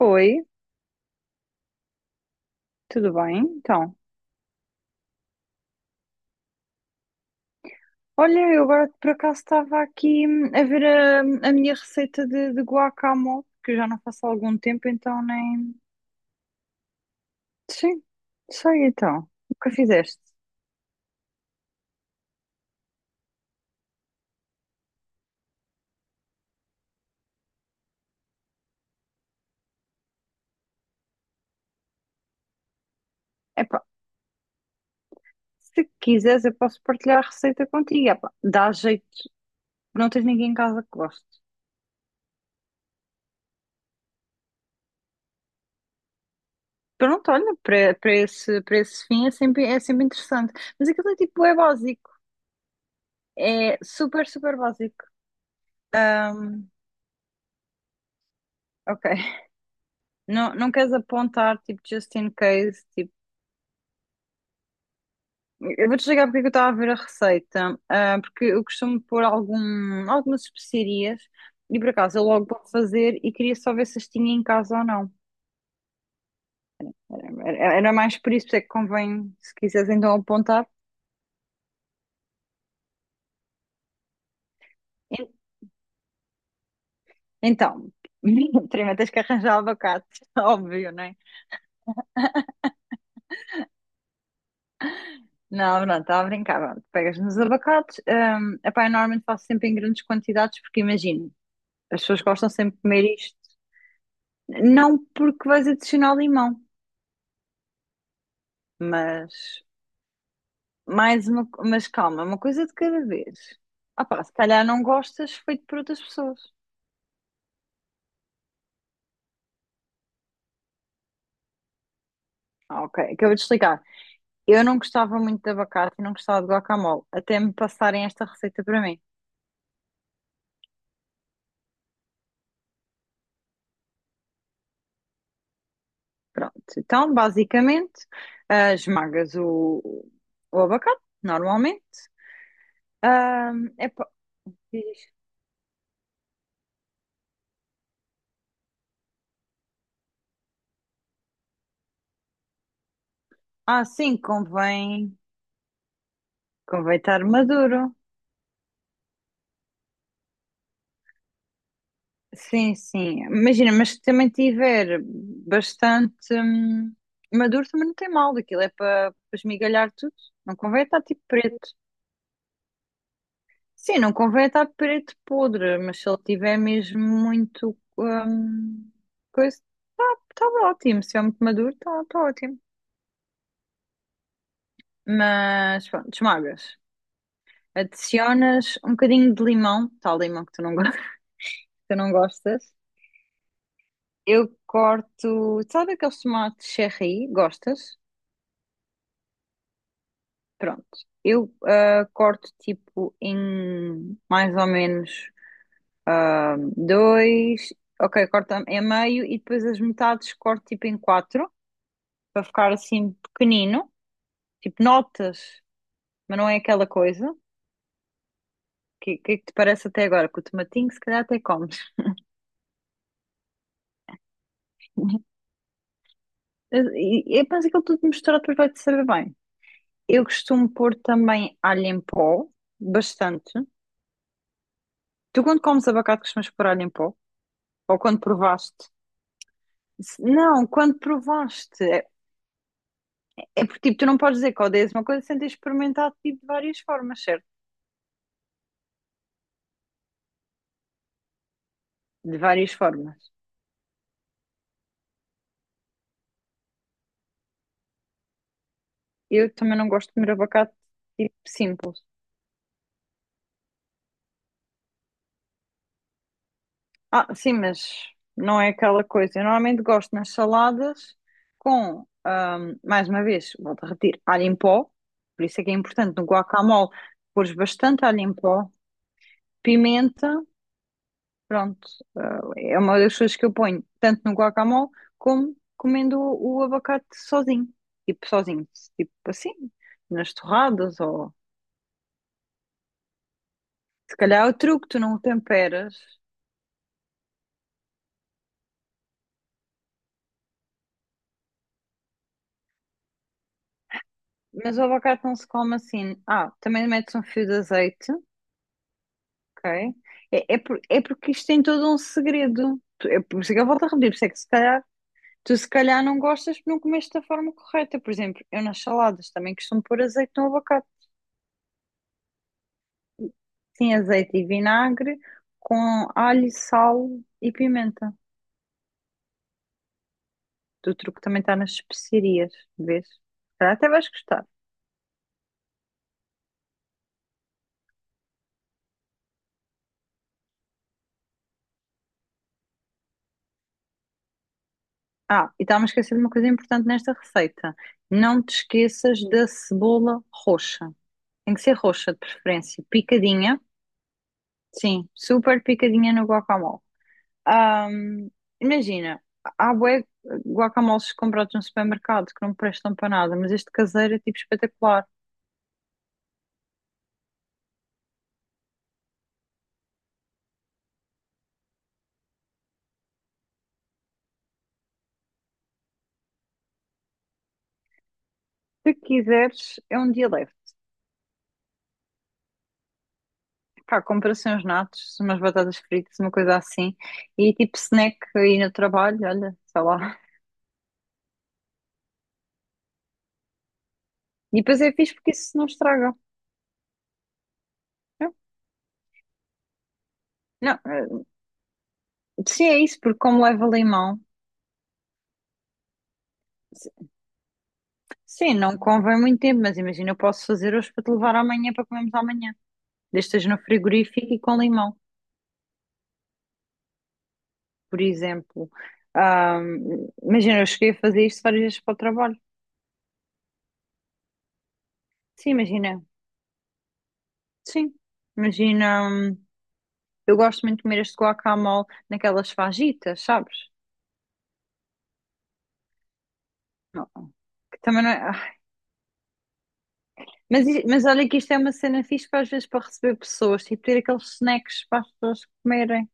Oi, tudo bem? Então, olha, eu agora por acaso estava aqui a ver a minha receita de guacamole, que eu já não faço há algum tempo, então nem. Sim, sei então. O que fizeste? Epá, se quiseres, eu posso partilhar a receita contigo. Epá, dá jeito, não tens ninguém em casa que goste. Pronto, olha, para esse fim é sempre interessante. Mas aquilo é tipo, é básico. É super, super básico. Ok. Não, não queres apontar, tipo, just in case, tipo. Eu vou-te explicar porque é que eu estava a ver a receita. Ah, porque eu costumo pôr algumas especiarias e por acaso eu logo vou fazer e queria só ver se as tinha em casa ou não. Era mais por isso, é que convém, se quiseres então apontar. En- Então, primeiro tens que arranjar abacate, óbvio, não é? Não, não, estava a brincar. Pronto, pegas nos abacates. Epá, eu normalmente faço sempre em grandes quantidades porque imagino, as pessoas gostam sempre de comer isto. Não porque vais adicionar limão, mas. Mais uma, mas calma, uma coisa de cada vez. Ah pá, se calhar não gostas feito por outras pessoas. Ah, ok, acabei de explicar. Eu não gostava muito de abacate e não gostava de guacamole, até me passarem esta receita para mim. Pronto, então basicamente esmagas o abacate, normalmente. Ah, é pa- diz. Ah, sim, convém estar maduro. Sim, sim. Imagina, mas se também tiver bastante maduro, também não tem mal. Aquilo é para esmigalhar tudo. Não convém estar tipo preto. Sim, não convém estar preto podre, mas se ele tiver mesmo muito coisa, está ótimo. Se é muito maduro, está ótimo. Mas pronto, esmagas. Adicionas um bocadinho de limão, tal limão que tu não, go- que tu não gostas. Eu corto, sabe aqueles tomates cherry? Gostas? Pronto, eu corto tipo em mais ou menos ah, dois, ok, corto em meio e depois as metades corto tipo em quatro para ficar assim pequenino, tipo notas, mas não é aquela coisa. Que é que te parece até agora? Que o tomatinho se calhar até comes. E penso que aquilo tudo misturado depois vai-te saber bem. Eu costumo pôr também alho em pó, bastante. Tu quando comes abacate costumas pôr alho em pó? Ou quando provaste? Não, quando provaste. É porque tipo, tu não podes dizer que odeias uma coisa sem ter experimentado tipo, de várias formas, certo? De várias formas. Eu também não gosto de comer abacate tipo simples. Ah, sim, mas não é aquela coisa. Eu normalmente gosto nas saladas com, mais uma vez, volto a repetir, alho em pó. Por isso é que é importante no guacamole pôres bastante alho em pó, pimenta. Pronto, é uma das coisas que eu ponho tanto no guacamole como comendo o abacate sozinho. Tipo, sozinho. Tipo assim, nas torradas ou. Se calhar é o truque, tu não o temperas, mas o abacate não se come assim. Ah, também metes um fio de azeite, ok? É porque isto tem todo um segredo. É por isso que eu volto a repetir, por isso é que se calhar. Tu se calhar não gostas porque não comeste da forma correta. Por exemplo, eu nas saladas também costumo pôr azeite no abacate. Sim, azeite e vinagre com alho, sal e pimenta. O truque também está nas especiarias, vês? Se calhar até vais gostar. Ah, e estava-me a esquecer de uma coisa importante nesta receita. Não te esqueças da cebola roxa. Tem que ser roxa, de preferência. Picadinha. Sim, super picadinha no guacamole. Ahm, Imagina, há bué guacamoles comprados no supermercado que não prestam para nada, mas este caseiro é tipo espetacular. Se quiseres, é um dia leve. Pá, compra assim uns natos, umas batatas fritas, uma coisa assim. E tipo snack aí no trabalho, olha, sei lá. E depois é fixe porque isso não estraga. É. Não, sim, é isso, porque como leva limão, se- sim, não convém muito tempo, mas imagina, eu posso fazer hoje para te levar amanhã para comermos amanhã. Desde que esteja no frigorífico e com limão, por exemplo. Imagina, eu cheguei a fazer isto várias vezes para o trabalho. Sim, imagina, sim. Imagina, eu gosto muito de comer este guacamole naquelas fajitas, sabes? Não, que também não é. Ah, mas olha que isto é uma cena fixe para às vezes para receber pessoas, tipo ter aqueles snacks para as pessoas comerem.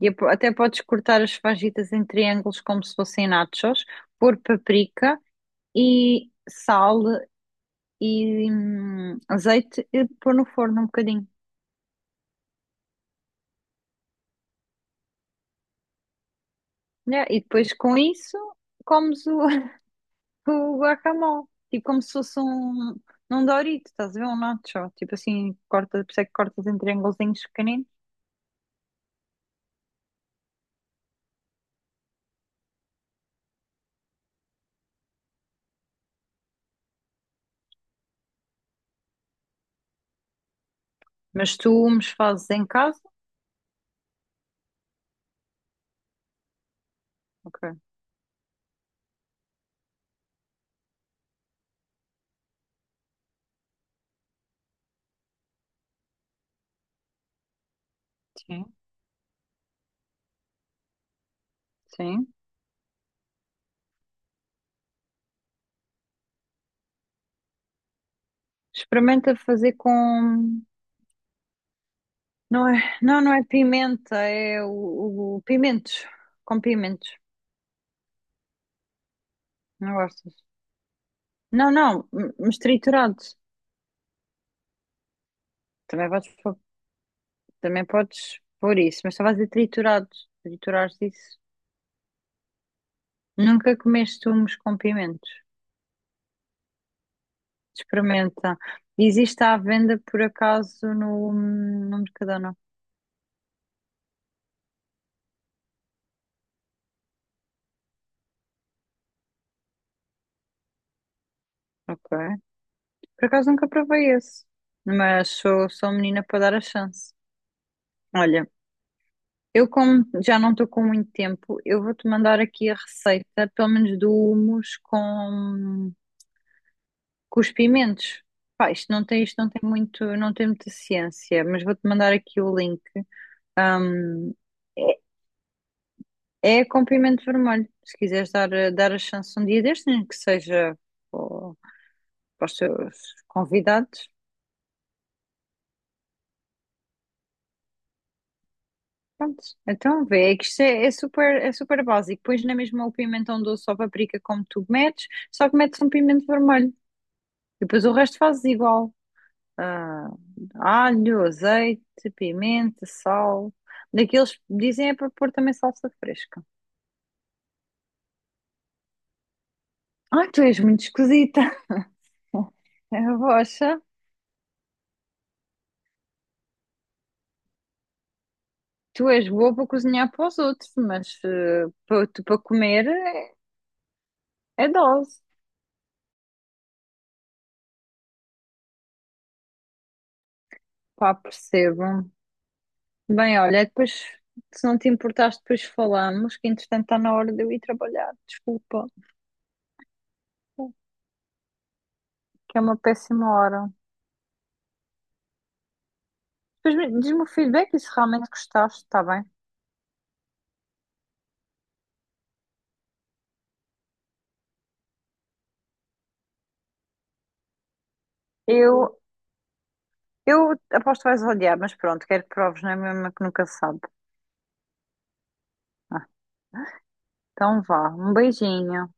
E até podes cortar as fajitas em triângulos como se fossem nachos, pôr paprika e sal e azeite e pôr no forno um bocadinho. Né? E depois com isso comes o guacamole, tipo como se fosse um, Dorito, estás a ver? Um nacho, tipo assim, corta, por isso é que cortas em triângulos. Mas tu os fazes em casa? Ok, sim. Sim. Experimenta fazer com. Não é, não, não é pimenta, é o pimentos. Com pimentos. Não gostas? Não, não, mas triturado. Também podes, pôr- também podes pôr isso, mas só a dizer triturado. Triturares isso. Nunca comeste humos com pimentos. Experimenta. Existe à venda por acaso no Mercadona. Ok. Por acaso nunca provei esse, mas sou menina para dar a chance. Olha, eu como já não estou com muito tempo, eu vou-te mandar aqui a receita, pelo menos do hummus com os pimentos. Pá, isto não tem muito, não tem muita ciência, mas vou-te mandar aqui o link. Ahm, é com pimento vermelho. Se quiseres dar a chance um dia destes, nem que seja para, para os teus convidados. Pronto, então vê, é que isto é super, é super básico. Pões na mesma o pimentão doce ou paprika como tu metes, só que metes um pimento vermelho. E depois o resto fazes igual. Ah, alho, azeite, pimenta, sal. Daqueles dizem é para pôr também salsa fresca. Ah, tu és muito esquisita. É a rocha, tu és boa para cozinhar para os outros, mas para comer é dose. Pá, percebo. Bem, olha, depois, se não te importares, depois falamos, que entretanto está na hora de eu ir trabalhar. Desculpa, que é uma péssima hora. Depois diz-me o feedback e se realmente gostaste, está bem? Eu, eu aposto que vais odiar, mas pronto, quero que proves, não é mesmo que nunca se sabe. Ah, então vá, um beijinho.